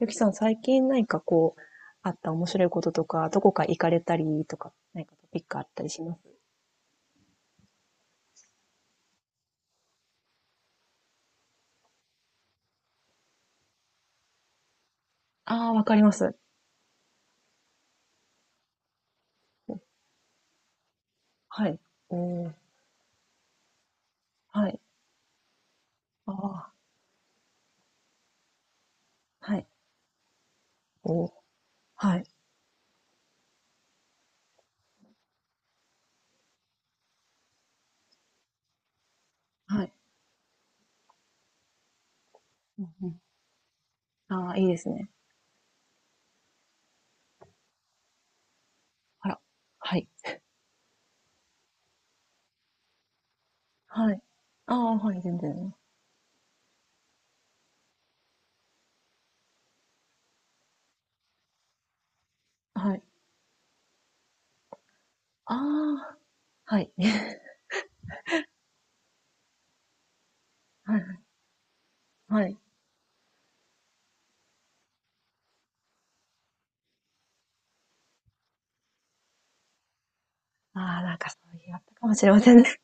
ゆきさん、最近何かこう、あった面白いこととか、どこか行かれたりとか、何かトピックあったりします？ああー、わかります。はい。おー、はい。ああ、はい。おー、はい。はい。うんうん、ああ、いいですね。あら。はい。はい。ああ、はい、全然。はい。ああ、はい。はいはい。はい。ああ、なんかそういうのあったかもしれませんね。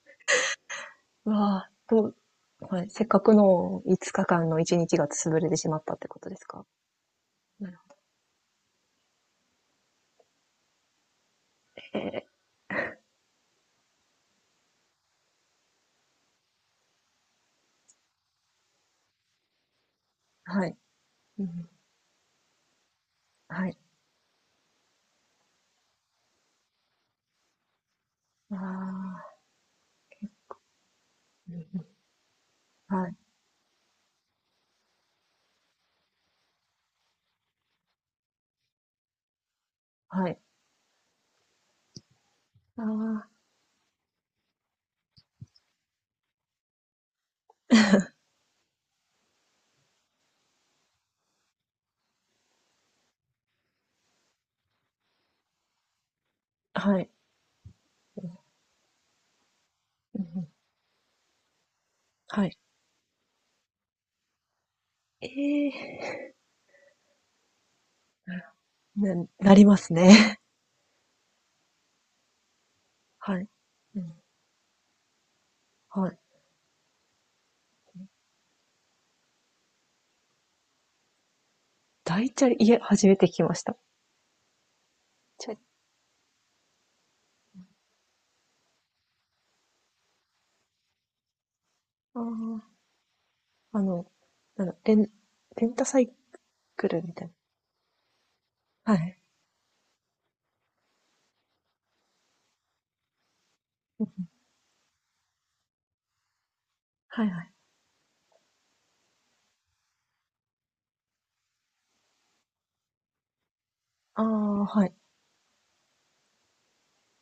うわあ、はい。せっかくの5日間の1日が潰れてしまったってことですか？なるほど。はい。うん、はい。ああ、うんうん、はい、はい。ああ、はい。うんうん、はい。ええ、なりますね。はい。うん、はい。大チャリ、いえ、初めて聞きました。チャリ、ああ、なんだ、レンタサイクルみたいな。はい。うん、はいはい。ああ、はい、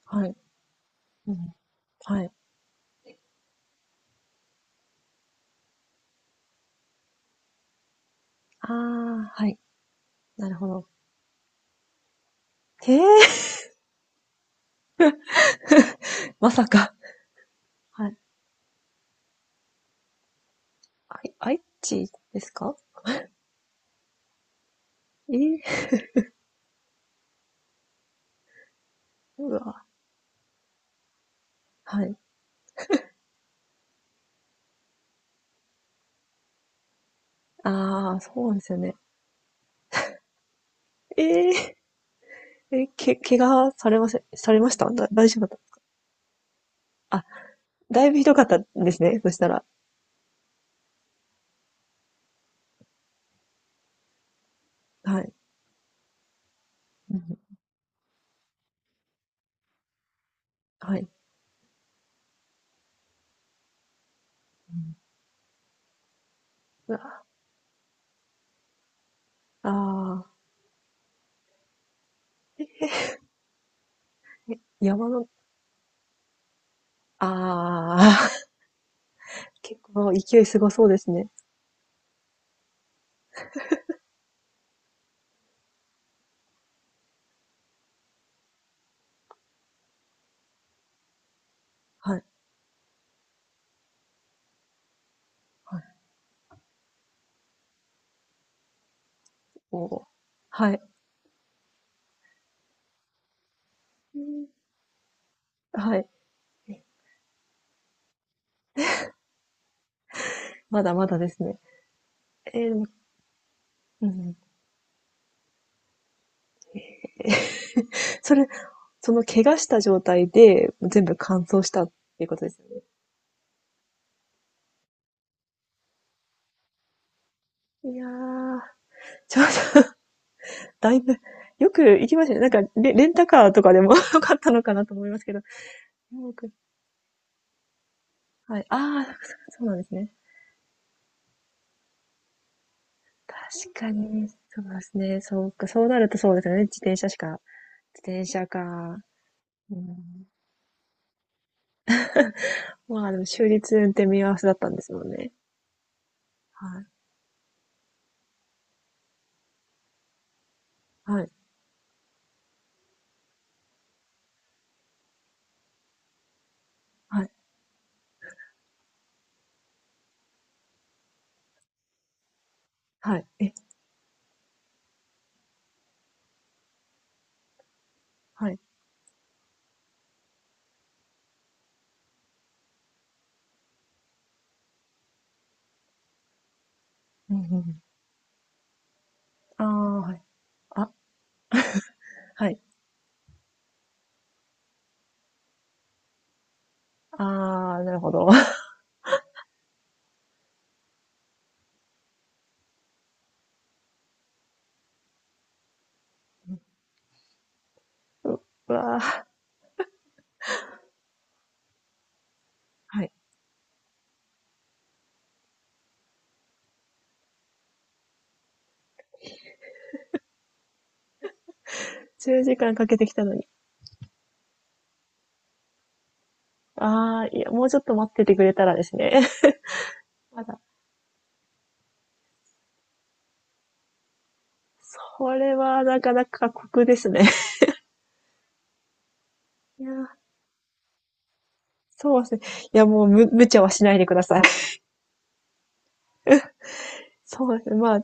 はい。うん、はい。ああ、はい。なるほど。へえ、まさか。はい。愛知ですか？ええ、うわ、はい。ああ、そうですよね。えええ、怪我されませんされました、大丈夫だったあ？だいぶひどかったんですね、そしたら。はい。うん、はい。うわ、ああ、え、山の、ああ、結構勢いすごそうですね。はい、はい、おお。はい。うん、はい。まだまだですね。ええ、でもうん。それ、その怪我した状態で、全部乾燥したっていうことですよね。いやー、ちょっとだいぶ、よく行きましたね。なんか、レンタカーとかでも よかったのかなと思いますけど。僕はい。ああ、そうなんですね。確かに、そうですね。そうか、そうなるとそうですよね。自転車しか、自転車か。うん、まあでも、終日運転見合わせだったんですもんね。はい。はい。はい。はい。え、はい。うんうんうん、ああー、はい。あ、はい。ああ、なるほど。うわあ、はい。10時間かけてきたのに。ああ、いや、もうちょっと待っててくれたらですね。まだそれはなかなか酷ですね。いや、そうですね。いや、もう無茶はしないでください。そうですね。まあ、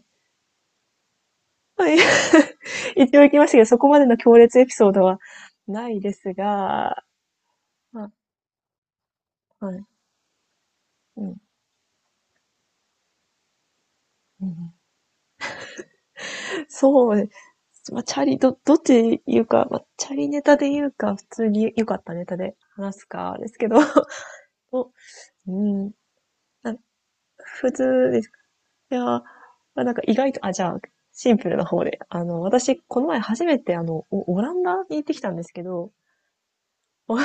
一応行 きましたけど、そこまでの強烈エピソードはないですが、まあ、はい。うん。うん、そうですね。まあ、チャリ、どっちで言うか、まあ、チャリネタで言うか、普通に良かったネタで話すか、ですけど、うん、ん普通ですね。いやー、まあなんか意外と、あ、じゃあ、シンプルな方で。あの、私、この前初めて、あの、オランダに行ってきたんですけど、お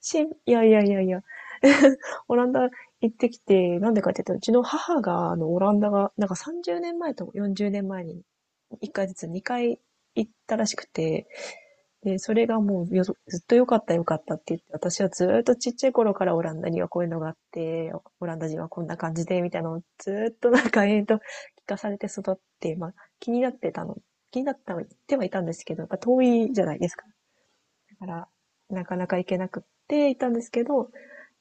しん、いやいやいやいや、オランダ行ってきて、なんでかって言ったら、うちの母が、あの、オランダが、なんか30年前と40年前に、1回ずつ2回行ったらしくて、で、それがもうずっと良かった良かったって言って、私はずーっとちっちゃい頃からオランダにはこういうのがあって、オランダ人はこんな感じで、みたいなのをずーっとなんか延々と聞かされて育って、まあ気になってたの、気になったの、言ってはいたんですけど、やっぱ遠いじゃないですか。だから、なかなか行けなくっていたんですけど、よ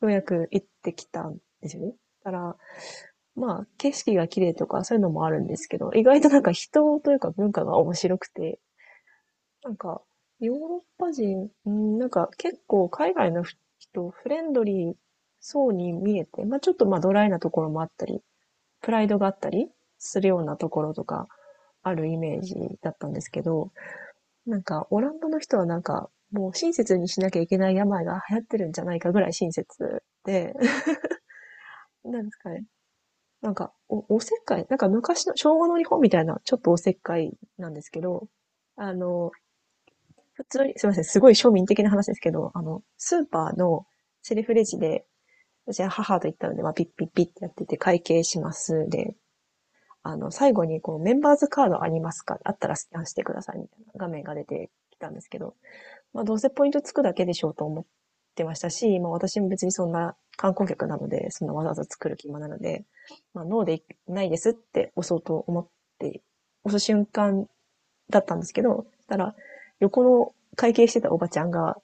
うやく行ってきたんですよね。だから、まあ景色が綺麗とかそういうのもあるんですけど、意外となんか人というか文化が面白くて、なんか、ヨーロッパ人、うん、なんか結構海外の人、フレンドリーそうに見えて、まあちょっとまあドライなところもあったり、プライドがあったりするようなところとかあるイメージだったんですけど、なんかオランダの人はなんかもう親切にしなきゃいけない病が流行ってるんじゃないかぐらい親切で、なんですかね。なんかおせっかい、なんか昔の昭和の日本みたいなちょっとおせっかいなんですけど、あの、普通に、すみません、すごい庶民的な話ですけど、あの、スーパーのセルフレジで、私は母と行ったので、まあ、ピッピッピッってやってて会計します。で、あの、最後にこう、メンバーズカードありますか？あったらスキャンしてくださいみたいな画面が出てきたんですけど、まあ、どうせポイントつくだけでしょうと思ってましたし、まあ、私も別にそんな観光客なので、そんなわざわざ作る気もなので、まあ、ノーでないですって押そうと思って、押す瞬間だったんですけど、そしたら、横の会計してたおばちゃんが、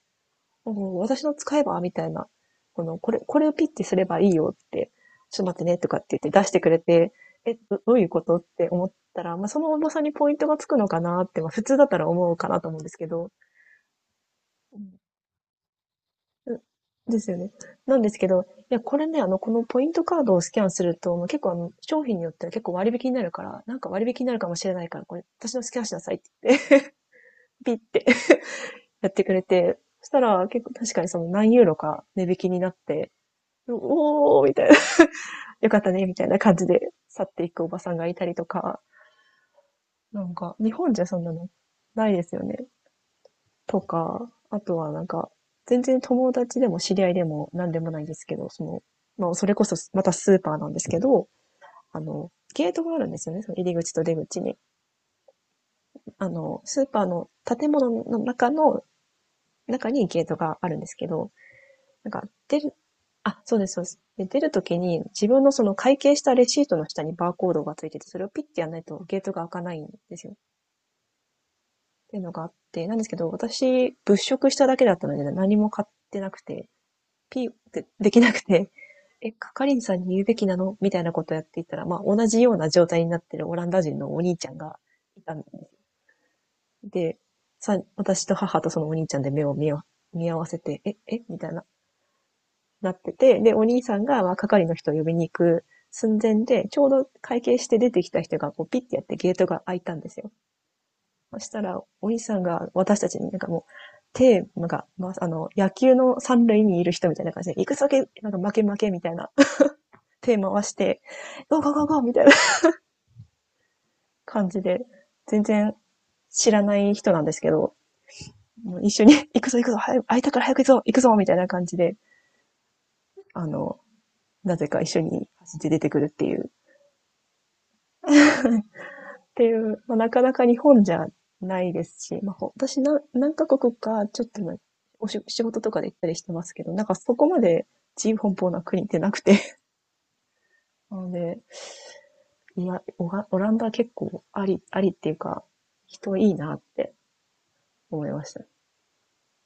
おー私の使えばみたいな。これをピッてすればいいよって、ちょっと待ってねとかって言って出してくれて、え、どういうことって思ったら、まあ、その重さにポイントがつくのかなって、まあ、普通だったら思うかなと思うんですけど、うん。うですよね。なんですけど、いや、これね、あの、このポイントカードをスキャンすると、もう結構あの、商品によっては結構割引になるから、なんか割引になるかもしれないから、これ、私のスキャンしなさいって言って、ピッて やってくれて、そしたら結構確かにその何ユーロか値引きになって、おおみたいな。よかったね、みたいな感じで去っていくおばさんがいたりとか、なんか、日本じゃそんなのないですよね。とか、あとはなんか、全然友達でも知り合いでも何でもないんですけど、その、まあ、それこそまたスーパーなんですけど、あの、ゲートがあるんですよね、その入り口と出口に。あの、スーパーの建物の中の、中にゲートがあるんですけど、なんか、出る、あ、そうです、そうです。で、出るときに、自分のその会計したレシートの下にバーコードがついてて、それをピッてやらないとゲートが開かないんですよ。っていうのがあって、なんですけど、私、物色しただけだったので、何も買ってなくて、ピーってできなくて、え、係員さんに言うべきなのみたいなことをやっていたら、まあ、同じような状態になってるオランダ人のお兄ちゃんがいたんで、私と母とそのお兄ちゃんで目を見合わせて、え、えみたいな。なってて、で、お兄さんが、まあ、係の人を呼びに行く寸前で、ちょうど会計して出てきた人が、こう、ピッてやってゲートが開いたんですよ。そしたら、お兄さんが私たちになんかもう、なんか、まあ、あの、野球の三塁にいる人みたいな感じで、行くぞけ、なんか負け負けみたいな、手回して、ゴーゴーゴーゴーみたいな 感じで、全然知らない人なんですけど、もう一緒に、行くぞ行くぞ、早く、開いたから早く行くぞ、行くぞみたいな感じで、あの、なぜか一緒に走って出てくるっていう、まあ、なかなか日本じゃないですし、まあ、私な何カ国かちょっとの仕事とかで行ったりしてますけど、なんかそこまで自由奔放な国ってなくて。なので、いや、オランダは結構ありっていうか、人いいなって思いました。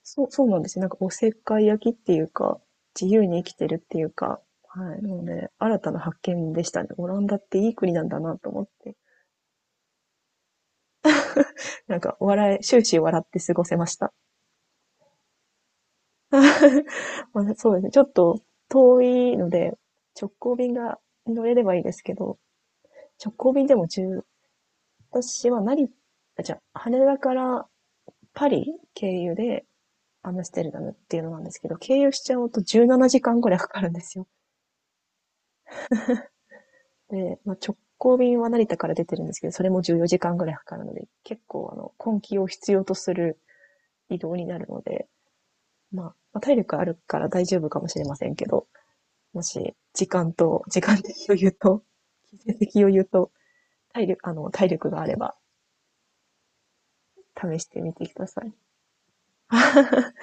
そう、そうなんですよ。なんかおせっかい焼きっていうか、自由に生きてるっていうか、はい。なので、新たな発見でしたね。オランダっていい国なんだなと思って。なんか、終始笑って過ごせました。まあ、そうですね。ちょっと遠いので、直行便が乗れればいいですけど、直行便でも十。私は成あ、じゃあ、羽田からパリ経由でアムステルダムっていうのなんですけど、経由しちゃうと17時間ぐらいかかるんですよ。で、まあ、直行便は成田から出てるんですけど、それも14時間ぐらいかかるので、結構あの、根気を必要とする移動になるので、まあ、まあ体力あるから大丈夫かもしれませんけど、もし、時間的余裕と、金銭的余裕と、体力があれば、試してみてください。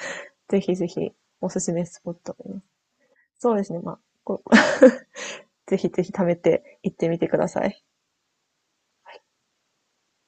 ぜひぜひ、おすすめスポットです。そうですね、まあ、こう ぜひぜひ貯めて行ってみてください。